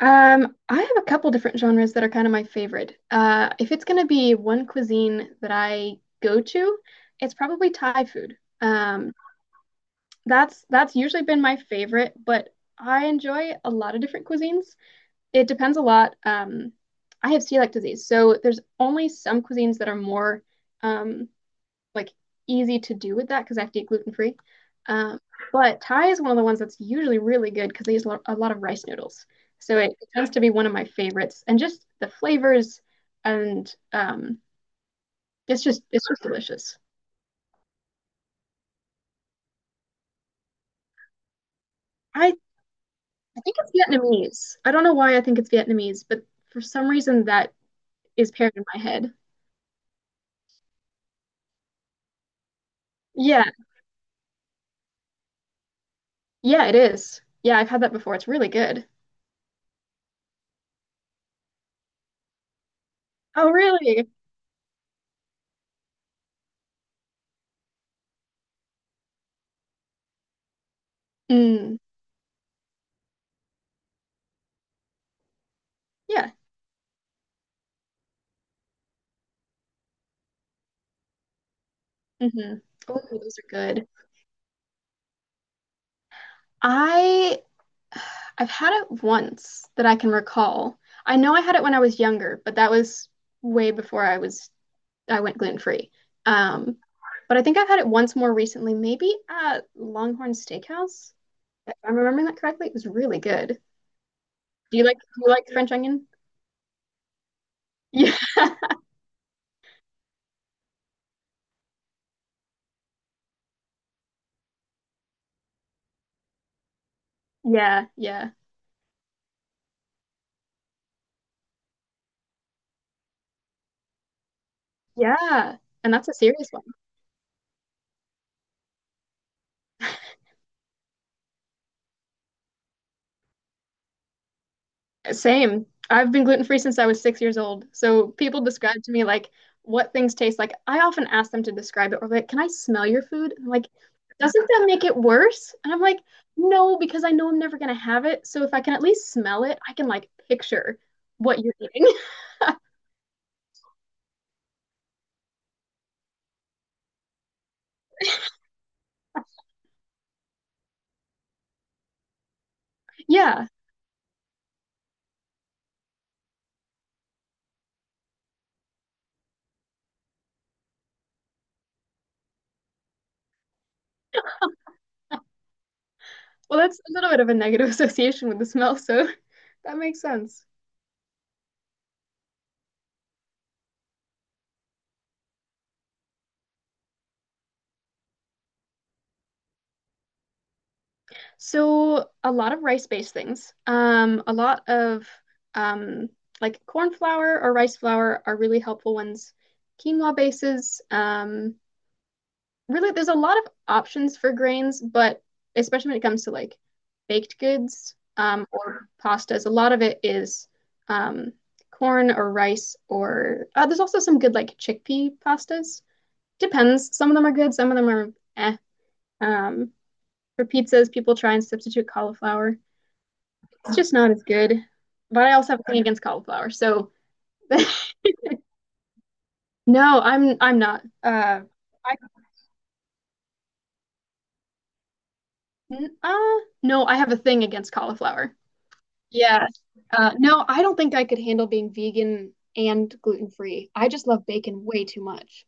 I have a couple different genres that are kind of my favorite. If it's going to be one cuisine that I go to, it's probably Thai food. That's usually been my favorite, but I enjoy a lot of different cuisines. It depends a lot. I have celiac disease, so there's only some cuisines that are more um, like easy to do with that because I have to eat gluten free. Um, but Thai is one of the ones that's usually really good because they use a lot, of rice noodles. So it tends to be one of my favorites, and just the flavors, and it's just delicious. I I think it's Vietnamese. I don't know why I think it's Vietnamese, but for some reason that is paired in my head. Yeah, yeah, it is. Yeah, I've had that before. It's really good. Oh, really? Mm, yeah. Hmm. Oh, those are good. I I've had it once that I can recall. I know I had it when I was younger, but that was way before I went gluten free. Um, but I think I've had it once more recently, maybe at Longhorn Steakhouse. If I'm remembering that correctly, it was really good. Do you like French onion? Yeah, yeah, yeah, yeah. And that's a serious one. Same. I've been gluten free since I was 6 years old. So people describe to me like what things taste like. I often ask them to describe it or like, can I smell your food? And I'm like, doesn't that make it worse? And I'm like, no, because I know I'm never gonna have it. So if I can at least smell it, I can like picture what you're eating. Yeah. Well, that's a little bit of a negative association with the smell, so that makes sense. So a lot of rice-based things. A lot of um, like corn flour or rice flour are really helpful ones. Quinoa bases. Really, there's a lot of options for grains, but especially when it comes to like baked goods or pastas, a lot of it is um, corn or rice. Or there's also some good like chickpea pastas. Depends. Some of them are good. Some of them are eh. Um, for pizzas, people try and substitute cauliflower. It's just not as good. But I also have a thing against cauliflower. So no, I'm not. I n- uh no, I have a thing against cauliflower. Yeah. No, I don't think I could handle being vegan and gluten free. I just love bacon way too much.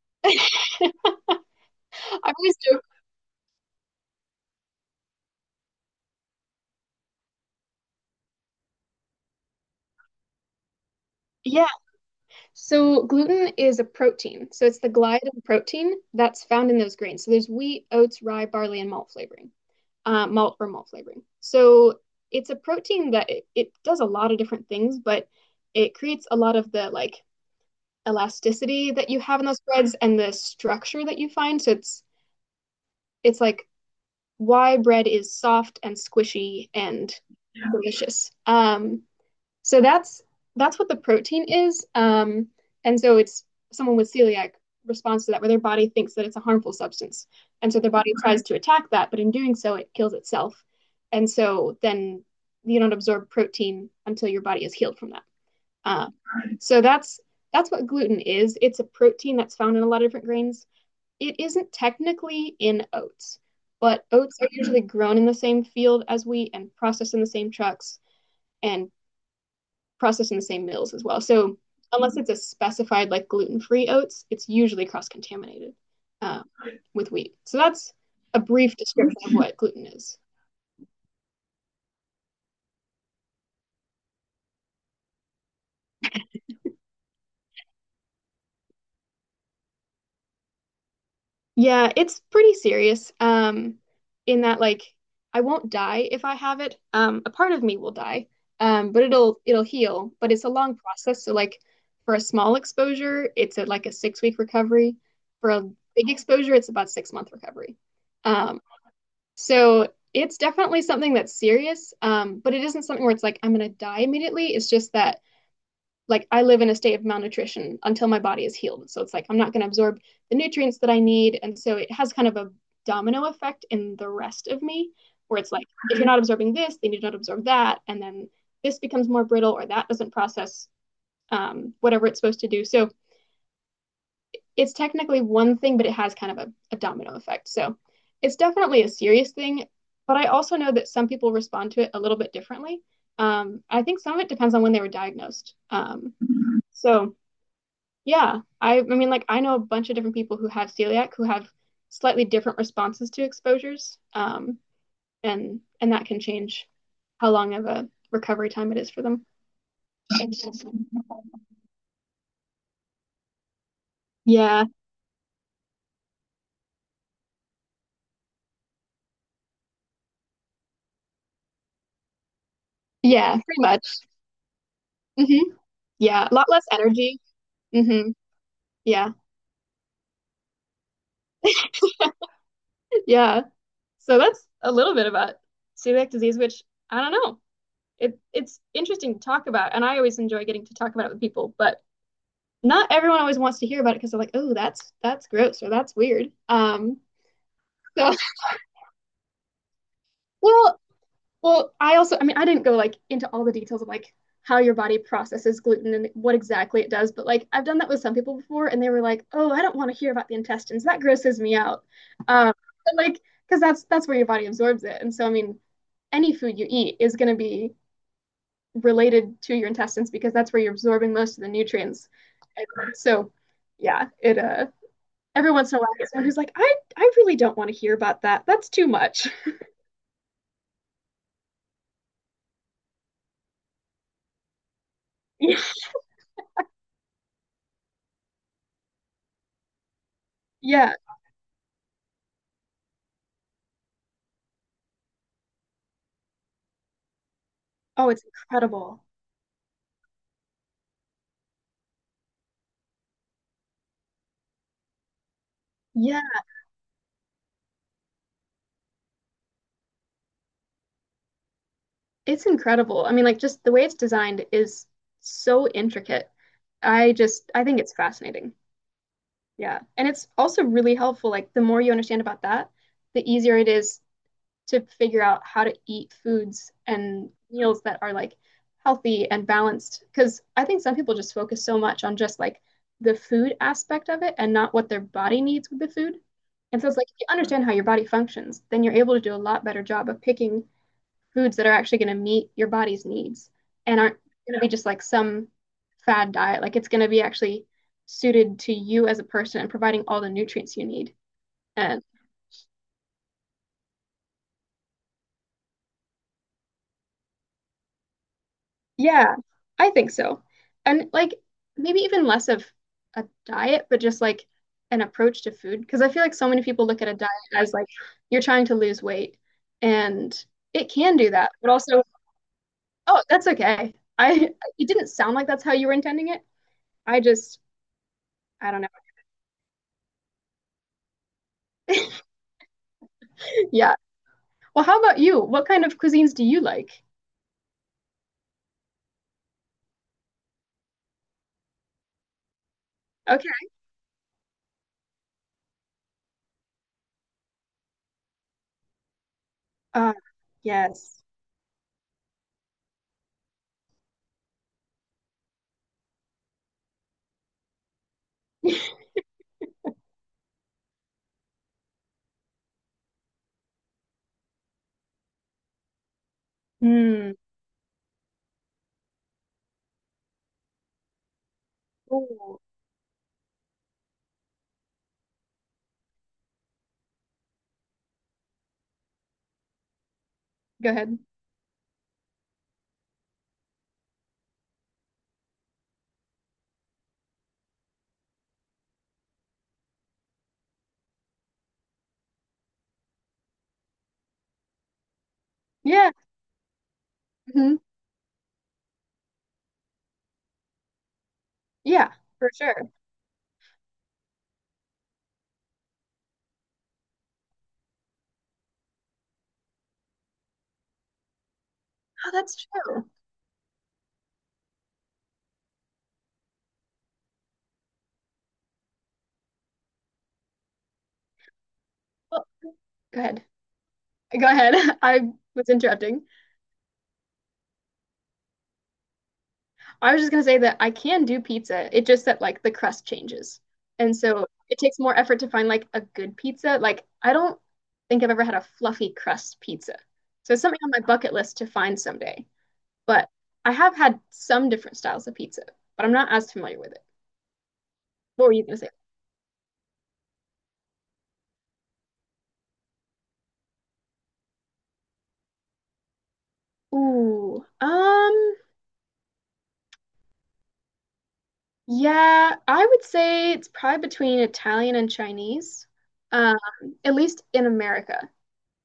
I always joke. Yeah. So gluten is a protein. So it's the gliadin protein that's found in those grains. So there's wheat, oats, rye, barley, and malt flavoring. Malt flavoring. So it's a protein that it does a lot of different things, but it creates a lot of the like elasticity that you have in those breads and the structure that you find. So it's like why bread is soft and squishy and delicious. So that's what the protein is. And so it's Someone with celiac responds to that where their body thinks that it's a harmful substance. And so their body tries to attack that, but in doing so it kills itself. And so then you don't absorb protein until your body is healed from that. Uh, so that's what gluten is. It's a protein that's found in a lot of different grains. It isn't technically in oats, but oats are usually grown in the same field as wheat and processed in the same trucks and processed in the same mills as well. So unless it's a specified like gluten-free oats, it's usually cross-contaminated uh, with wheat. So that's a brief description of what gluten is. Yeah, it's pretty serious. In that like I won't die if I have it. A part of me will die, but it'll heal. But it's a long process. So like for a small exposure, like a 6 week recovery. For a big exposure, it's about 6 month recovery. Um, So it's definitely something that's serious, but it isn't something where it's like I'm gonna die immediately. It's just that like I live in a state of malnutrition until my body is healed. So it's like I'm not gonna absorb the nutrients that I need, and so it has kind of a domino effect in the rest of me, where it's like if you're not absorbing this, then you don't absorb that, and then this becomes more brittle or that doesn't process whatever it's supposed to do. So it's technically one thing, but it has kind of a domino effect. So it's definitely a serious thing, but I also know that some people respond to it a little bit differently. I think some of it depends on when they were diagnosed. So yeah, I mean, like I know a bunch of different people who have celiac who have slightly different responses to exposures, and that can change how long of a recovery time it is for them. Yeah, yeah, pretty much. Hmm. Yeah, a lot less energy. Hmm. Yeah, yeah. So that's a little bit about celiac disease, which I don't know. It's interesting to talk about, and I always enjoy getting to talk about it with people, but not everyone always wants to hear about it because they're like, "Oh, that's gross or that's weird." So well, well, I also, I mean, I didn't go like into all the details of like how your body processes gluten and what exactly it does, but like I've done that with some people before, and they were like, "Oh, I don't want to hear about the intestines. That grosses me out." Um, but, like because that's where your body absorbs it, and so I mean, any food you eat is going to be related to your intestines because that's where you're absorbing most of the nutrients. And so, yeah, it every once in a while there's someone who's like, I really don't want to hear about that. That's too much. yeah. Oh, it's incredible. Yeah, it's incredible. I mean, like just the way it's designed is so intricate. I think it's fascinating. Yeah. And it's also really helpful. Like the more you understand about that, the easier it is to figure out how to eat foods and meals that are like healthy and balanced. Because I think some people just focus so much on just like the food aspect of it and not what their body needs with the food. And so it's like if you understand how your body functions, then you're able to do a lot better job of picking foods that are actually going to meet your body's needs and aren't going to be just like some fad diet. Like it's going to be actually suited to you as a person and providing all the nutrients you need. And yeah, I think so. And like maybe even less of a diet, but just like an approach to food. Because I feel like so many people look at a diet as like you're trying to lose weight and it can do that. But also, oh, that's okay. I It didn't sound like that's how you were intending it. I just I don't know. Yeah. Well, how about you? What kind of cuisines do you like? Okay. Uh, yes. Mm. Ooh. Go ahead. Yeah. Hmm. Yeah, for sure. Oh, that's true. Well, go ahead. Go ahead. I was interrupting. I was just going to say that I can do pizza. It just that like the crust changes. And so it takes more effort to find like a good pizza. Like I don't think I've ever had a fluffy crust pizza. So it's something on my bucket list to find someday. But I have had some different styles of pizza, but I'm not as familiar with it. What were you going to say? Ooh. Yeah, I would say it's probably between Italian and Chinese. Um, at least in America.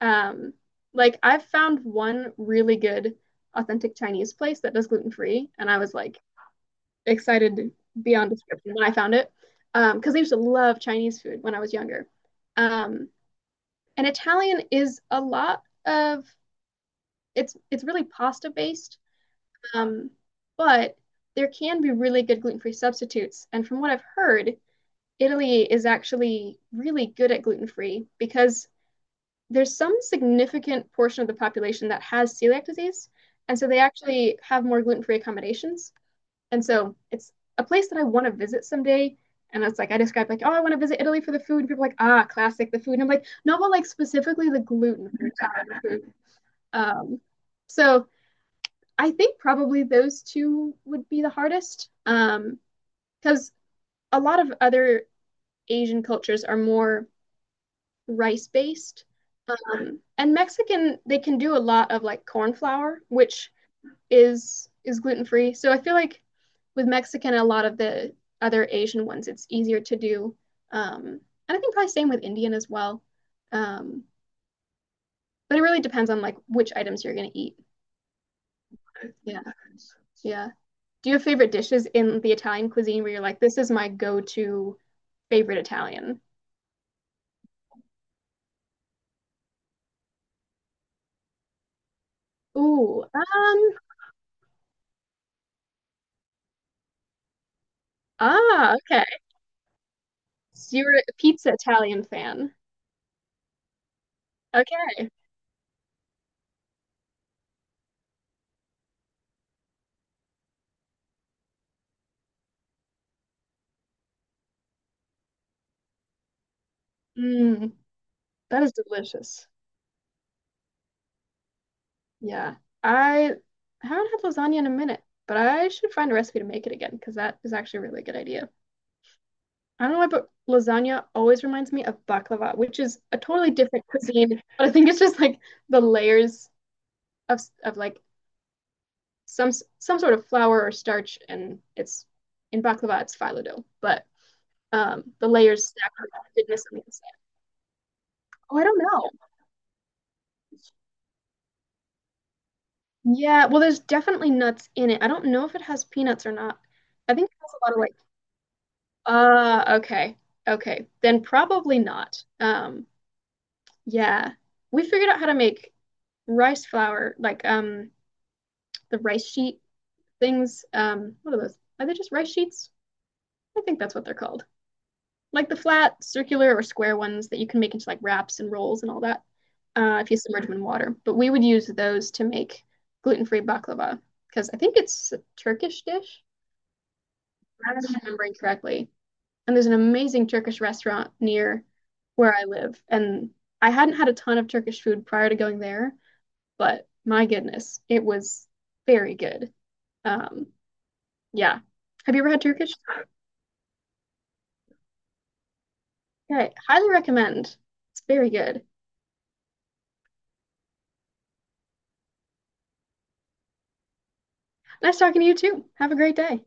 Um, like I've found one really good authentic Chinese place that does gluten free, and I was like excited beyond description when I found it. Because I used to love Chinese food when I was younger. Um, and Italian is a lot of it's really pasta based. Um, but there can be really good gluten-free substitutes. And from what I've heard, Italy is actually really good at gluten-free because there's some significant portion of the population that has celiac disease. And so they actually have more gluten free accommodations. And so it's a place that I want to visit someday. And it's like I described, like, oh, I want to visit Italy for the food. And people are like, ah, classic, the food. And I'm like, no, but like specifically the gluten free food. Um, so I think probably those two would be the hardest. Because a lot of other Asian cultures are more rice based. And Mexican, they can do a lot of like corn flour, which is gluten free. So I feel like with Mexican, a lot of the other Asian ones, it's easier to do. Um, and I think probably same with Indian as well. Um, but it really depends on like which items you're gonna eat. Yeah, yeah. Do you have favorite dishes in the Italian cuisine where you're like, this is my go-to favorite Italian? Ooh, ah, okay. So you're a pizza Italian fan. Okay. Mm, that is delicious. Yeah. I haven't had lasagna in a minute, but I should find a recipe to make it again because that is actually a really good idea. I don't know why, but lasagna always reminds me of baklava, which is a totally different cuisine. But I think it's just like the layers of of like some some sort of flour or starch, and it's in baklava it's phyllo dough, but the layers stacked on the thickness on the inside. Oh, I don't know. Yeah, well, there's definitely nuts in it. I don't know if it has peanuts or not. I think it has a lot of like, ah, okay, okay, then probably not. Yeah, we figured out how to make rice flour, like the rice sheet things. What are those? Are they just rice sheets? I think that's what they're called. Like the flat, circular, or square ones that you can make into like wraps and rolls and all that, if you submerge them in water. But we would use those to make gluten-free baklava because I think it's a Turkish dish. I was remembering correctly. And there's an amazing Turkish restaurant near where I live. And I hadn't had a ton of Turkish food prior to going there, but my goodness, it was very good. Um, yeah. Have you ever had Turkish? Okay, highly recommend. It's very good. Nice talking to you too. Have a great day.